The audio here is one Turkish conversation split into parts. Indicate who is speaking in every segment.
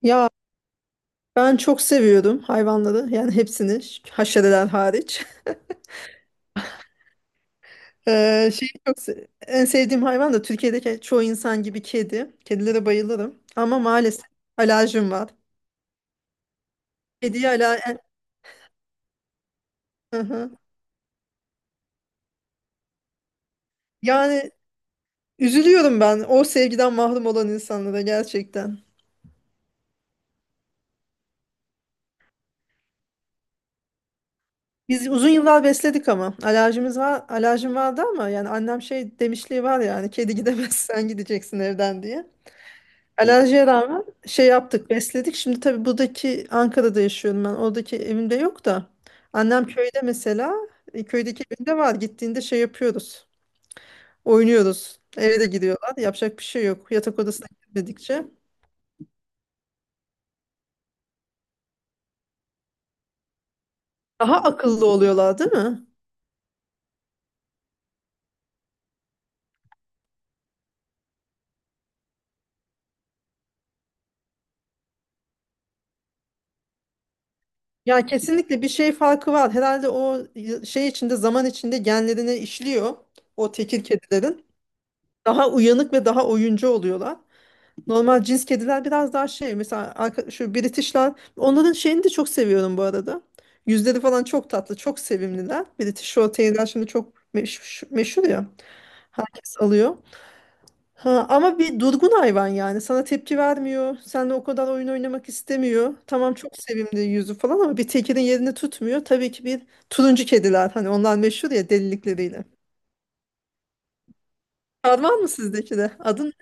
Speaker 1: Ya ben çok seviyordum hayvanları. Yani hepsini haşereler hariç. Şeyi çok en sevdiğim hayvan da Türkiye'deki çoğu insan gibi kedi. Kedilere bayılırım. Ama maalesef alerjim var. Kediye ala e- Hı hı. Yani üzülüyorum ben o sevgiden mahrum olan insanlara gerçekten. Biz uzun yıllar besledik ama alerjimiz var, alerjim vardı ama yani annem şey demişliği var ya hani kedi gidemez sen gideceksin evden diye. Alerjiye rağmen şey yaptık, besledik. Şimdi tabii buradaki Ankara'da yaşıyorum ben. Oradaki evimde yok da. Annem köyde mesela. Köydeki evinde var. Gittiğinde şey yapıyoruz. Oynuyoruz. Eve de gidiyorlar. Yapacak bir şey yok. Yatak odasına gitmedikçe. Daha akıllı oluyorlar, değil mi? Ya kesinlikle bir şey farkı var. Herhalde o şey içinde zaman içinde genlerine işliyor. O tekir kedilerin. Daha uyanık ve daha oyuncu oluyorlar. Normal cins kediler biraz daha şey mesela şu British'ler onların şeyini de çok seviyorum bu arada. Yüzleri falan çok tatlı, çok sevimliler. British Shorthair'ler şimdi çok meşhur, meşhur ya. Herkes alıyor. Ha, ama bir durgun hayvan yani. Sana tepki vermiyor. Seninle o kadar oyun oynamak istemiyor. Tamam çok sevimli yüzü falan ama bir tekirin yerini tutmuyor. Tabii ki bir turuncu kediler. Hani onlar meşhur ya delilikleriyle. Var mı sizdeki de? Adın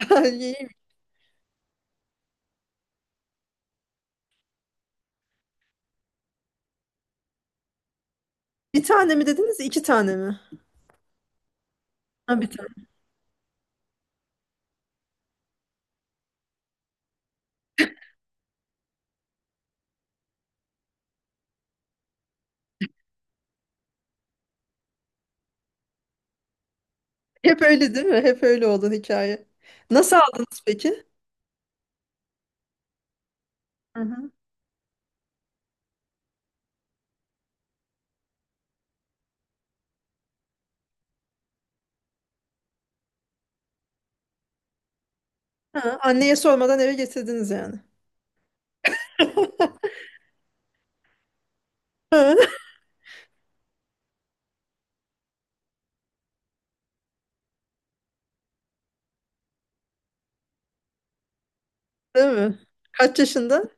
Speaker 1: İyiymiş. Bir tane mi dediniz? İki tane mi? Ha, bir. Hep öyle değil mi? Hep öyle olan hikaye. Nasıl aldınız peki? Hı hı. Ha, anneye sormadan eve getirdiniz yani. Ha, değil mi? Kaç yaşında?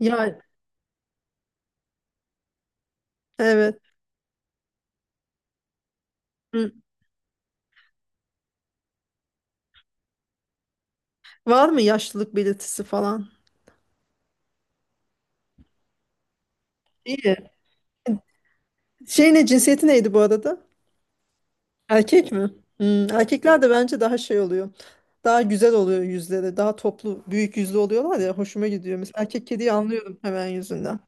Speaker 1: Yani evet. Hı. Var mı yaşlılık belirtisi falan? İyi. Şey ne, cinsiyeti neydi bu arada? Erkek mi? Hmm, erkekler de bence daha şey oluyor. Daha güzel oluyor yüzleri. Daha toplu, büyük yüzlü oluyorlar ya. Hoşuma gidiyor. Mesela erkek kediyi anlıyorum hemen yüzünden.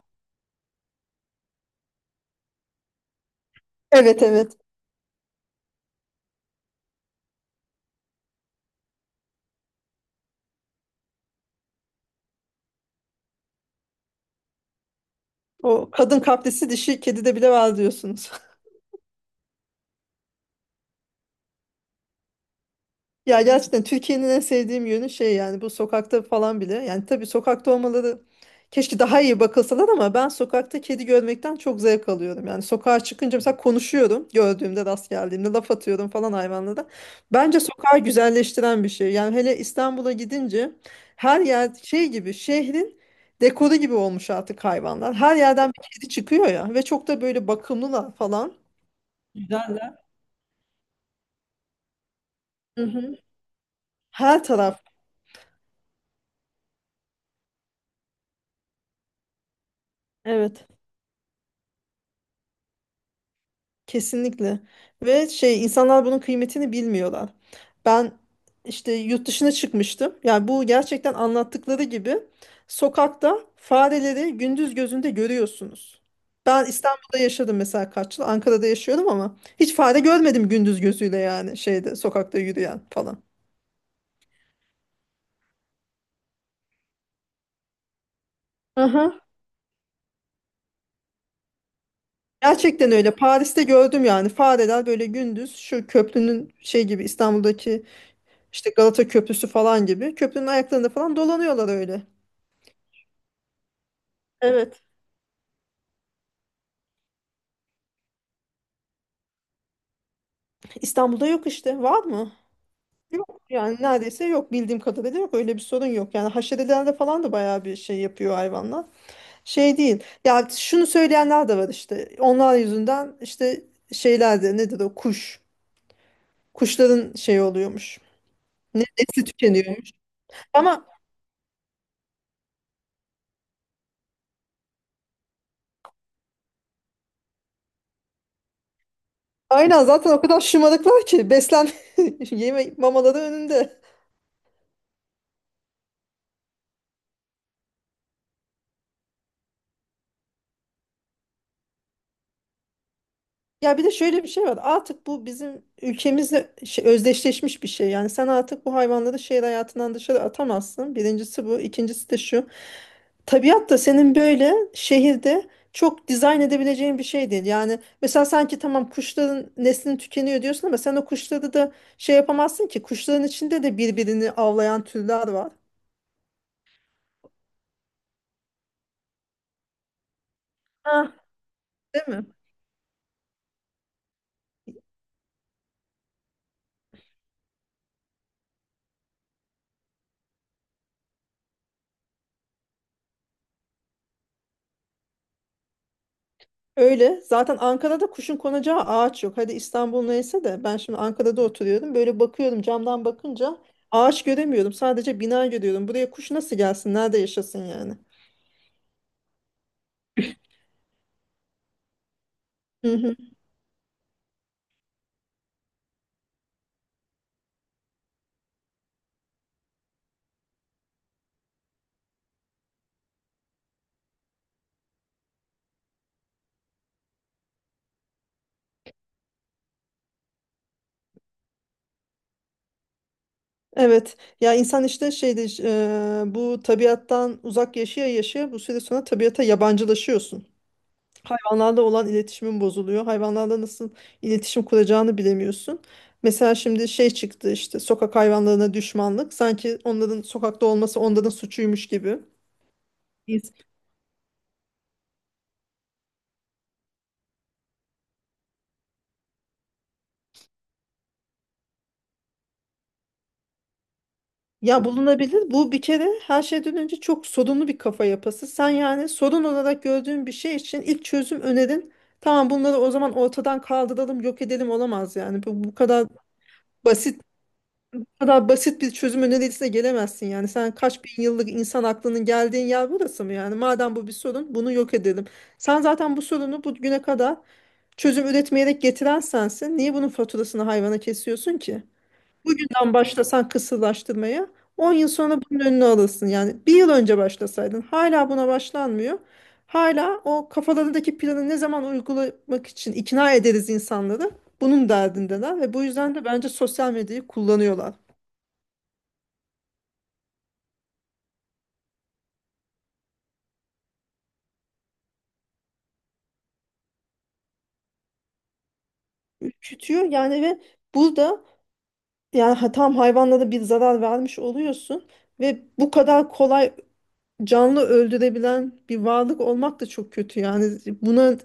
Speaker 1: Evet, evet. O kadın kaprisi dişi kedide bile var diyorsunuz. Ya gerçekten Türkiye'nin en sevdiğim yönü şey yani bu sokakta falan bile. Yani tabii sokakta olmaları, keşke daha iyi bakılsalar ama ben sokakta kedi görmekten çok zevk alıyorum. Yani sokağa çıkınca mesela konuşuyorum, gördüğümde rast geldiğimde laf atıyorum falan hayvanlara. Bence sokağı güzelleştiren bir şey. Yani hele İstanbul'a gidince her yer şey gibi, şehrin dekoru gibi olmuş artık hayvanlar. Her yerden bir kedi çıkıyor ya, ve çok da böyle bakımlılar falan. Hı hı. Her taraf. Evet. Kesinlikle. Ve şey, insanlar bunun kıymetini bilmiyorlar. Ben işte yurt dışına çıkmıştım. Yani bu gerçekten anlattıkları gibi sokakta fareleri gündüz gözünde görüyorsunuz. Ben İstanbul'da yaşadım mesela kaç yıl. Ankara'da yaşıyorum ama hiç fare görmedim gündüz gözüyle yani şeyde, sokakta yürüyen falan. Aha. Gerçekten öyle. Paris'te gördüm yani fareler böyle gündüz şu köprünün şey gibi, İstanbul'daki işte Galata Köprüsü falan gibi köprünün ayaklarında falan dolanıyorlar öyle. Evet. İstanbul'da yok işte. Var mı? Yok. Yani neredeyse yok. Bildiğim kadarıyla yok. Öyle bir sorun yok. Yani haşerelerde falan da bayağı bir şey yapıyor hayvanlar. Şey değil. Ya şunu söyleyenler de var işte. Onlar yüzünden işte şeylerde, nedir o kuş. Kuşların şey oluyormuş. Ne, nesli tükeniyormuş. Ama aynen, zaten o kadar şımarıklar ki beslen yeme mamaları önünde. Ya bir de şöyle bir şey var. Artık bu bizim ülkemizle özdeşleşmiş bir şey. Yani sen artık bu hayvanları şehir hayatından dışarı atamazsın. Birincisi bu. İkincisi de şu. Tabiat da senin böyle şehirde çok dizayn edebileceğin bir şey değil. Yani mesela sanki tamam kuşların neslini tükeniyor diyorsun ama sen o kuşları da şey yapamazsın ki. Kuşların içinde de birbirini avlayan türler var. Ha. Değil mi? Öyle. Zaten Ankara'da kuşun konacağı ağaç yok. Hadi İstanbul neyse de ben şimdi Ankara'da oturuyorum. Böyle bakıyorum, camdan bakınca ağaç göremiyorum. Sadece bina görüyorum. Buraya kuş nasıl gelsin? Nerede yaşasın yani? Hı hı. Evet. Ya insan işte şeyde bu tabiattan uzak yaşaya yaşaya bu süre sonra tabiata yabancılaşıyorsun. Hayvanlarla olan iletişimin bozuluyor. Hayvanlarla nasıl iletişim kuracağını bilemiyorsun. Mesela şimdi şey çıktı işte, sokak hayvanlarına düşmanlık. Sanki onların sokakta olması onların suçuymuş gibi. Biz- Ya bulunabilir. Bu bir kere her şeyden önce çok sorunlu bir kafa yapısı. Sen yani sorun olarak gördüğün bir şey için ilk çözüm önerin. Tamam bunları o zaman ortadan kaldıralım, yok edelim, olamaz yani. Bu kadar basit kadar basit bir çözüm önerisine gelemezsin yani. Sen kaç bin yıllık insan aklının geldiğin yer burası mı yani? Madem bu bir sorun, bunu yok edelim. Sen zaten bu sorunu bugüne kadar çözüm üretmeyerek getiren sensin. Niye bunun faturasını hayvana kesiyorsun ki? Bugünden başlasan kısırlaştırmaya, 10 yıl sonra bunun önünü alırsın. Yani bir yıl önce başlasaydın, hala buna başlanmıyor. Hala o kafalarındaki planı ne zaman uygulamak için ikna ederiz insanları, bunun derdindeler ve bu yüzden de bence sosyal medyayı kullanıyorlar. Ürkütüyor yani, ve burada yani tam hayvanla da bir zarar vermiş oluyorsun ve bu kadar kolay canlı öldürebilen bir varlık olmak da çok kötü yani, buna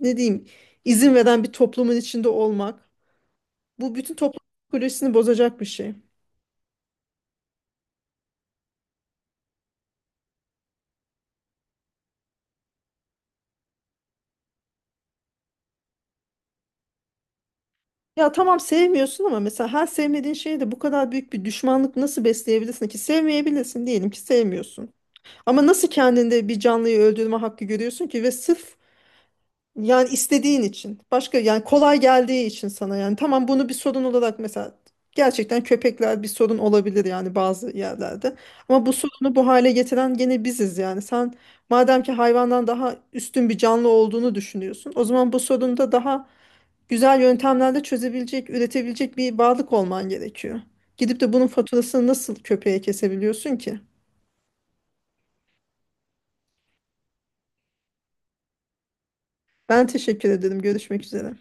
Speaker 1: ne diyeyim, izin veren bir toplumun içinde olmak bu bütün toplum psikolojisini bozacak bir şey. Ya tamam sevmiyorsun ama mesela her sevmediğin şeye de bu kadar büyük bir düşmanlık nasıl besleyebilirsin ki? Sevmeyebilirsin, diyelim ki sevmiyorsun. Ama nasıl kendinde bir canlıyı öldürme hakkı görüyorsun ki ve sırf, yani istediğin için. Başka, yani kolay geldiği için sana yani. Tamam, bunu bir sorun olarak mesela gerçekten köpekler bir sorun olabilir yani bazı yerlerde. Ama bu sorunu bu hale getiren gene biziz yani. Sen madem ki hayvandan daha üstün bir canlı olduğunu düşünüyorsun. O zaman bu sorunu da daha güzel yöntemlerle çözebilecek, üretebilecek bir varlık olman gerekiyor. Gidip de bunun faturasını nasıl köpeğe kesebiliyorsun ki? Ben teşekkür ederim. Görüşmek üzere.